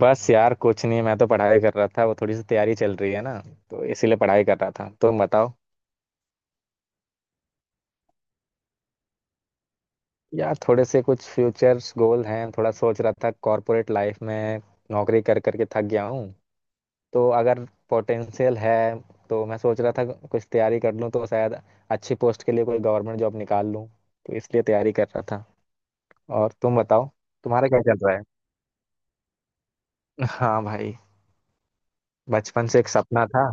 बस यार कुछ नहीं। मैं तो पढ़ाई कर रहा था, वो थोड़ी सी तैयारी चल रही है ना, तो इसीलिए पढ़ाई कर रहा था। तुम बताओ। यार थोड़े से कुछ फ्यूचर गोल हैं, थोड़ा सोच रहा था कॉर्पोरेट लाइफ में। नौकरी कर करके थक गया हूँ। तो अगर पोटेंशियल है तो मैं सोच रहा था कुछ तैयारी कर लूँ, तो शायद अच्छी पोस्ट के लिए कोई गवर्नमेंट जॉब निकाल लूँ। तो इसलिए तैयारी कर रहा था। और तुम बताओ, तुम्हारा क्या चल रहा है? हाँ भाई। बचपन से एक सपना था।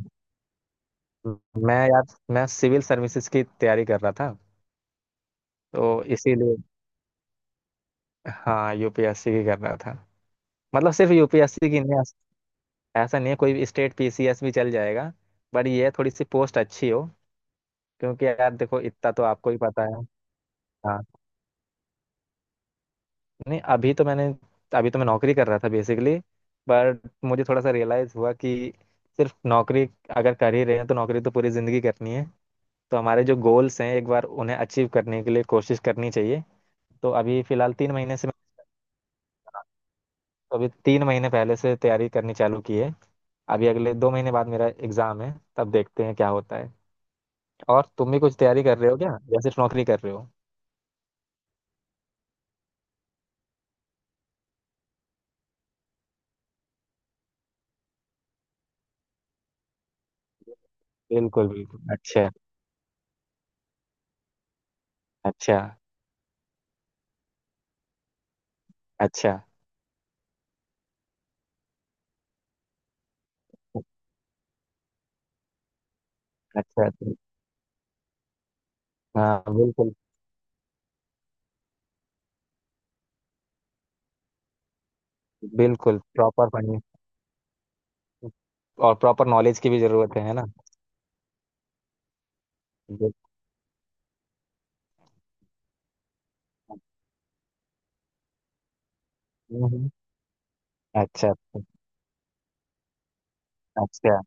मैं यार मैं सिविल सर्विसेज की तैयारी कर रहा था। तो इसीलिए हाँ, यूपीएससी की कर रहा था। मतलब सिर्फ यूपीएससी की नहीं, ऐसा नहीं है, कोई भी स्टेट पीसीएस भी चल जाएगा। बट ये है, थोड़ी सी पोस्ट अच्छी हो, क्योंकि यार देखो इतना तो आपको ही पता है। हाँ। नहीं, अभी तो मैं नौकरी कर रहा था बेसिकली। बट मुझे थोड़ा सा रियलाइज हुआ कि सिर्फ नौकरी अगर कर ही रहे हैं, तो नौकरी तो पूरी जिंदगी करनी है। तो हमारे जो गोल्स हैं एक बार उन्हें अचीव करने के लिए कोशिश करनी चाहिए। तो अभी फिलहाल तीन महीने से मैं तो अभी तीन महीने पहले से तैयारी करनी चालू की है। अभी अगले 2 महीने बाद मेरा एग्जाम है, तब देखते हैं क्या होता है। और तुम भी कुछ तैयारी कर रहे हो क्या, या सिर्फ नौकरी कर रहे हो? बिल्कुल बिल्कुल, अच्छा। अच्छा। अच्छा अच्छा अच्छा। हाँ बिल्कुल, बिल्कुल प्रॉपर पढ़ने और प्रॉपर नॉलेज की भी जरूरत है ना। बिल्कुल। हम्म, हम्म। अच्छा अच्छा। अच्छा।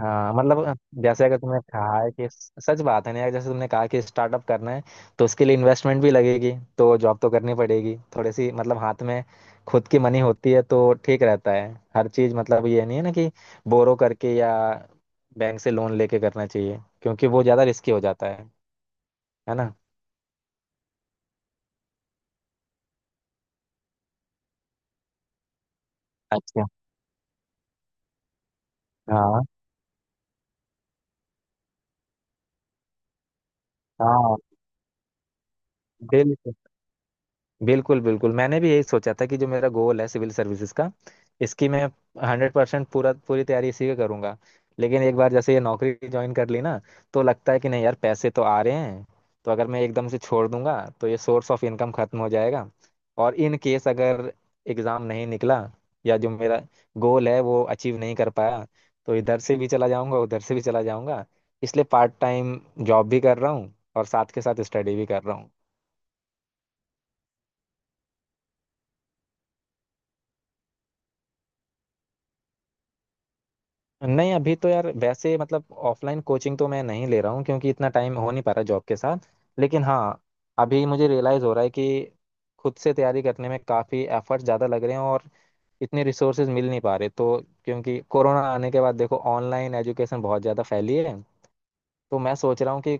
हाँ मतलब जैसे अगर तुमने कहा है कि, सच बात है ना यार, जैसे तुमने कहा कि स्टार्टअप करना है, तो उसके लिए इन्वेस्टमेंट भी लगेगी। तो जॉब तो करनी पड़ेगी थोड़ी सी, मतलब हाथ में खुद की मनी होती है तो ठीक रहता है हर चीज। मतलब ये नहीं है ना कि बोरो करके या बैंक से लोन लेके करना चाहिए, क्योंकि वो ज्यादा रिस्की हो जाता है। है ना। अच्छा। हाँ। हाँ। बिल्कुल बिल्कुल बिल्कुल, मैंने भी यही सोचा था कि जो मेरा गोल है सिविल सर्विसेज का, इसकी मैं 100% पूरा पूरी तैयारी इसी का करूंगा। लेकिन एक बार जैसे ये नौकरी ज्वाइन कर ली ना, तो लगता है कि नहीं यार पैसे तो आ रहे हैं। तो अगर मैं एकदम से छोड़ दूंगा तो ये सोर्स ऑफ इनकम खत्म हो जाएगा। और इन केस अगर एग्जाम नहीं निकला, या जो मेरा गोल है वो अचीव नहीं कर पाया, तो इधर से भी चला जाऊंगा, उधर से भी चला जाऊंगा। इसलिए पार्ट टाइम जॉब भी कर रहा हूँ और साथ के साथ स्टडी भी कर रहा हूँ। नहीं, अभी तो यार वैसे मतलब ऑफलाइन कोचिंग तो मैं नहीं ले रहा हूँ, क्योंकि इतना टाइम हो नहीं पा रहा जॉब के साथ। लेकिन हाँ, अभी मुझे रियलाइज़ हो रहा है कि खुद से तैयारी करने में काफ़ी एफर्ट ज़्यादा लग रहे हैं, और इतने रिसोर्सेज मिल नहीं पा रहे। तो क्योंकि कोरोना आने के बाद देखो, ऑनलाइन एजुकेशन बहुत ज़्यादा फैली है। तो मैं सोच रहा हूँ कि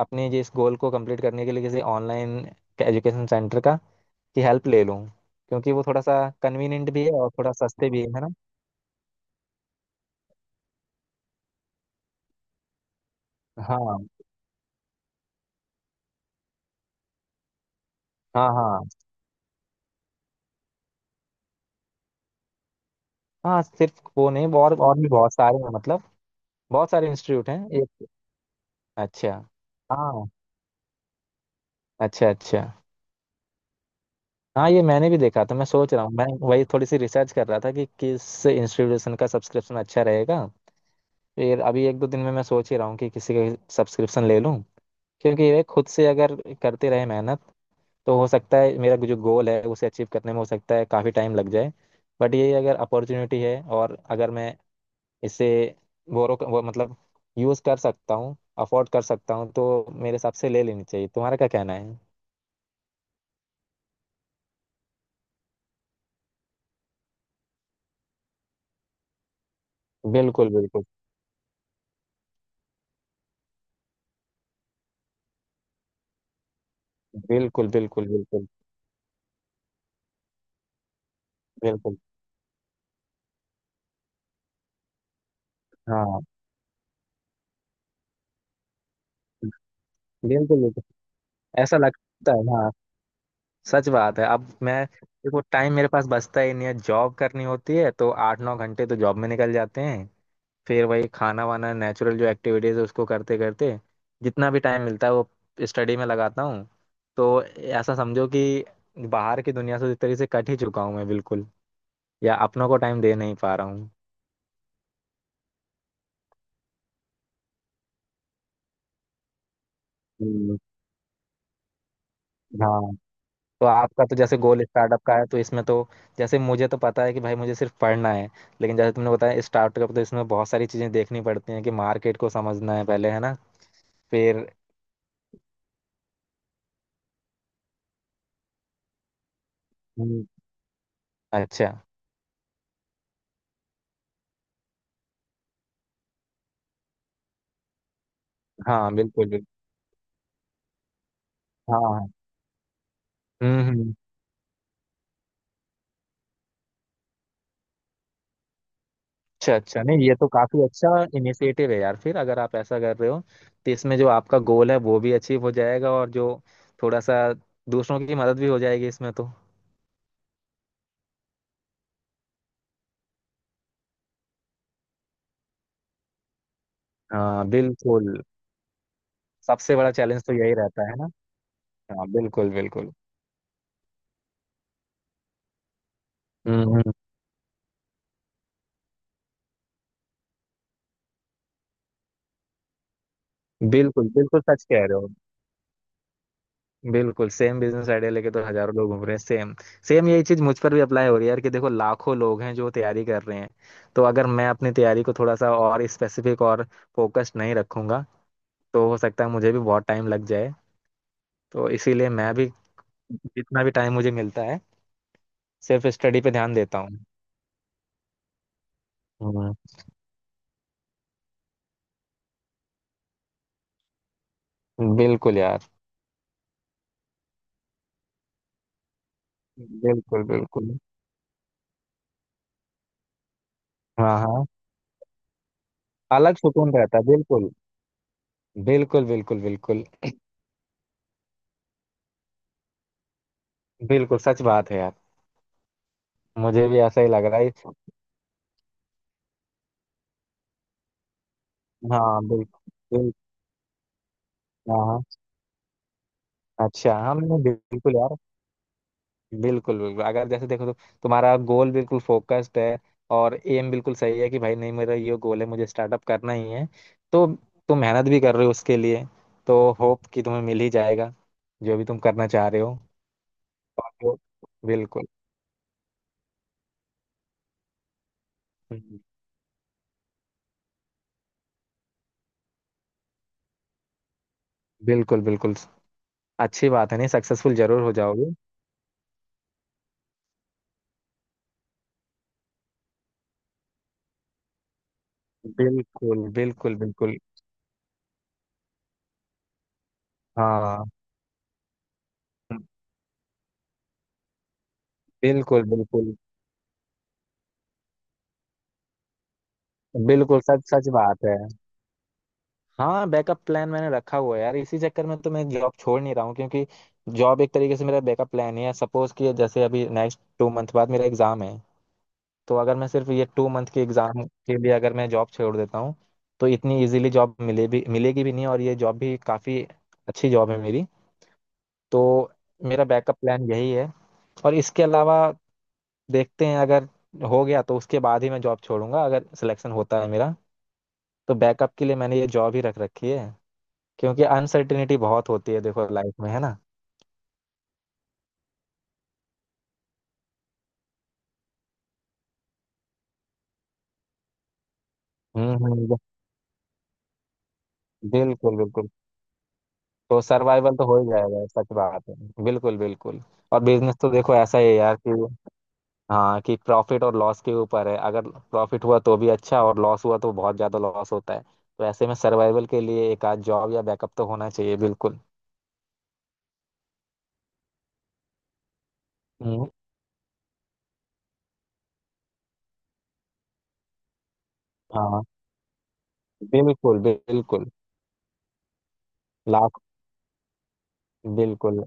अपने जिस गोल को कंप्लीट करने के लिए किसी ऑनलाइन एजुकेशन सेंटर का, की हेल्प ले लूँ। क्योंकि वो थोड़ा सा कन्वीनियंट भी है और थोड़ा सस्ते भी है ना। हाँ हाँ। हाँ हाँ। सिर्फ वो नहीं, और और भी बहुत सारे हैं। मतलब बहुत सारे इंस्टीट्यूट हैं एक। अच्छा। हाँ। अच्छा अच्छा। हाँ ये मैंने भी देखा था। मैं सोच रहा हूँ, मैं वही थोड़ी सी रिसर्च कर रहा था कि किस इंस्टीट्यूशन का सब्सक्रिप्शन अच्छा रहेगा। फिर अभी एक दो दिन में मैं सोच ही रहा हूँ कि किसी का सब्सक्रिप्शन ले लूँ। क्योंकि ये खुद से अगर करते रहे मेहनत, तो हो सकता है मेरा जो गोल है उसे अचीव करने में हो सकता है काफ़ी टाइम लग जाए। बट ये अगर अपॉर्चुनिटी है, और अगर मैं इसे बोरो वो मतलब यूज़ कर सकता हूँ, अफोर्ड कर सकता हूँ, तो मेरे हिसाब से ले लेनी चाहिए। तुम्हारा क्या कहना है? बिल्कुल बिल्कुल। बिल्कुल बिल्कुल। बिल्कुल बिल्कुल। हाँ बिल्कुल बिल्कुल। ऐसा लगता है, हाँ। सच बात है। अब मैं देखो टाइम मेरे पास बचता ही नहीं है। जॉब करनी होती है तो 8-9 घंटे तो जॉब में निकल जाते हैं। फिर वही खाना वाना, नेचुरल जो एक्टिविटीज़ है उसको करते करते, जितना भी टाइम मिलता है वो स्टडी में लगाता हूँ। तो ऐसा समझो कि बाहर की दुनिया से एक तरीके से कट ही चुका हूँ मैं बिल्कुल। या अपनों को टाइम दे नहीं पा रहा हूँ। हम्म। हाँ, तो आपका तो जैसे गोल स्टार्टअप का है तो इसमें तो, जैसे मुझे तो पता है कि भाई मुझे सिर्फ पढ़ना है। लेकिन जैसे तुमने बताया स्टार्टअप, तो इसमें बहुत सारी चीज़ें देखनी पड़ती हैं कि मार्केट को समझना है पहले, है ना। फिर हम्म। अच्छा, हाँ बिल्कुल बिल्कुल। हाँ हाँ। हम्म। अच्छा अच्छा, नहीं ये तो काफी अच्छा इनिशिएटिव है यार। फिर अगर आप ऐसा कर रहे हो, तो इसमें जो आपका गोल है वो भी अचीव हो जाएगा, और जो थोड़ा सा दूसरों की मदद भी हो जाएगी इसमें तो। हाँ बिल्कुल। सबसे बड़ा चैलेंज तो यही रहता है ना। हाँ बिल्कुल बिल्कुल। हम्म। बिल्कुल बिल्कुल, सच कह रहे हो। बिल्कुल, सेम बिजनेस आइडिया लेके तो हजारों लोग घूम रहे हैं, सेम। सेम यही चीज मुझ पर भी अप्लाई हो रही है यार, कि देखो लाखों लोग हैं जो तैयारी कर रहे हैं। तो अगर मैं अपनी तैयारी को थोड़ा सा और स्पेसिफिक और फोकस्ड नहीं रखूंगा, तो हो सकता है मुझे भी बहुत टाइम लग जाए। तो इसीलिए मैं भी जितना भी टाइम मुझे मिलता है, सिर्फ स्टडी पे ध्यान देता हूँ। हम्म। बिल्कुल यार। बिल्कुल बिल्कुल। हाँ हाँ। अलग सुकून रहता है बिल्कुल। बिल्कुल बिल्कुल बिल्कुल। बिल्कुल सच बात है यार। मुझे भी ऐसा ही लग रहा है। हाँ बिल्कुल। बिल्कुल। हाँ हाँ। अच्छा, हाँ मैंने बिल्कुल यार बिल्कुल बिल्कुल, अगर जैसे देखो तो तुम्हारा गोल बिल्कुल फोकस्ड है, और एम बिल्कुल सही है कि भाई नहीं, मेरा ये गोल है, मुझे स्टार्टअप करना ही है। तो तुम मेहनत भी कर रहे हो उसके लिए, तो होप कि तुम्हें मिल ही जाएगा जो भी तुम करना चाह रहे हो। और जो- बिल्कुल। हम्म। बिल्कुल बिल्कुल, अच्छी बात है, नहीं सक्सेसफुल जरूर हो जाओगे। बिल्कुल बिल्कुल बिल्कुल। हाँ बिल्कुल बिल्कुल। बिल्कुल सच सच बात है। हाँ बैकअप प्लान मैंने रखा हुआ है यार, इसी चक्कर में तो मैं जॉब छोड़ नहीं रहा हूँ। क्योंकि जॉब एक तरीके से मेरा बैकअप प्लान है। सपोज कि जैसे अभी नेक्स्ट 2 month बाद मेरा एग्जाम है, तो अगर मैं सिर्फ ये 2 month के एग्जाम के लिए अगर मैं जॉब छोड़ देता हूँ, तो इतनी इजीली जॉब मिले भी, मिलेगी भी नहीं। और ये जॉब भी काफ़ी अच्छी जॉब है मेरी। तो मेरा बैकअप प्लान यही है। और इसके अलावा देखते हैं, अगर हो गया तो उसके बाद ही मैं जॉब छोड़ूंगा, अगर सिलेक्शन होता है मेरा। तो बैकअप के लिए मैंने ये जॉब ही रख रखी है, क्योंकि अनसर्टिनिटी बहुत होती है देखो लाइफ में, है ना। हम्म। बिल्कुल बिल्कुल। तो सर्वाइवल तो हो ही जाएगा, सच बात है। बिल्कुल बिल्कुल। और बिजनेस तो देखो ऐसा ही है यार कि, हाँ कि प्रॉफिट और लॉस के ऊपर है, अगर प्रॉफिट हुआ तो भी अच्छा, और लॉस हुआ तो बहुत ज्यादा लॉस होता है। तो ऐसे में सर्वाइवल के लिए एक आध जॉब या बैकअप तो होना चाहिए बिल्कुल। हम्म। हाँ बिल्कुल बिल्कुल। लाख। बिल्कुल।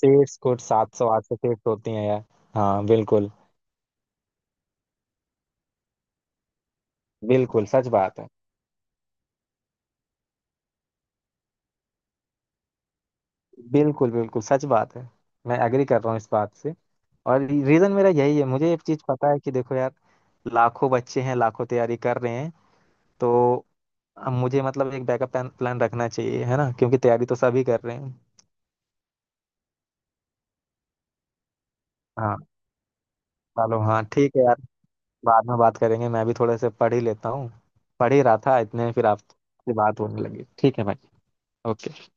सीट्स कुछ 700-800 सीट्स होती हैं यार। हाँ बिल्कुल। बिल्कुल सच बात है। बिल्कुल बिल्कुल सच बात है। मैं एग्री कर रहा हूँ इस बात से। और रीज़न मेरा यही है, मुझे एक चीज़ पता है कि देखो यार, लाखों बच्चे हैं, लाखों तैयारी कर रहे हैं। तो अब मुझे मतलब एक बैकअप प्लान प्लान रखना चाहिए, है ना, क्योंकि तैयारी तो सभी कर रहे हैं। हाँ। चलो हाँ ठीक है यार, बाद में बात करेंगे, मैं भी थोड़े से पढ़ ही लेता हूँ। पढ़ ही रहा था, इतने में फिर आपसे बात होने लगी। ठीक है भाई। ओके।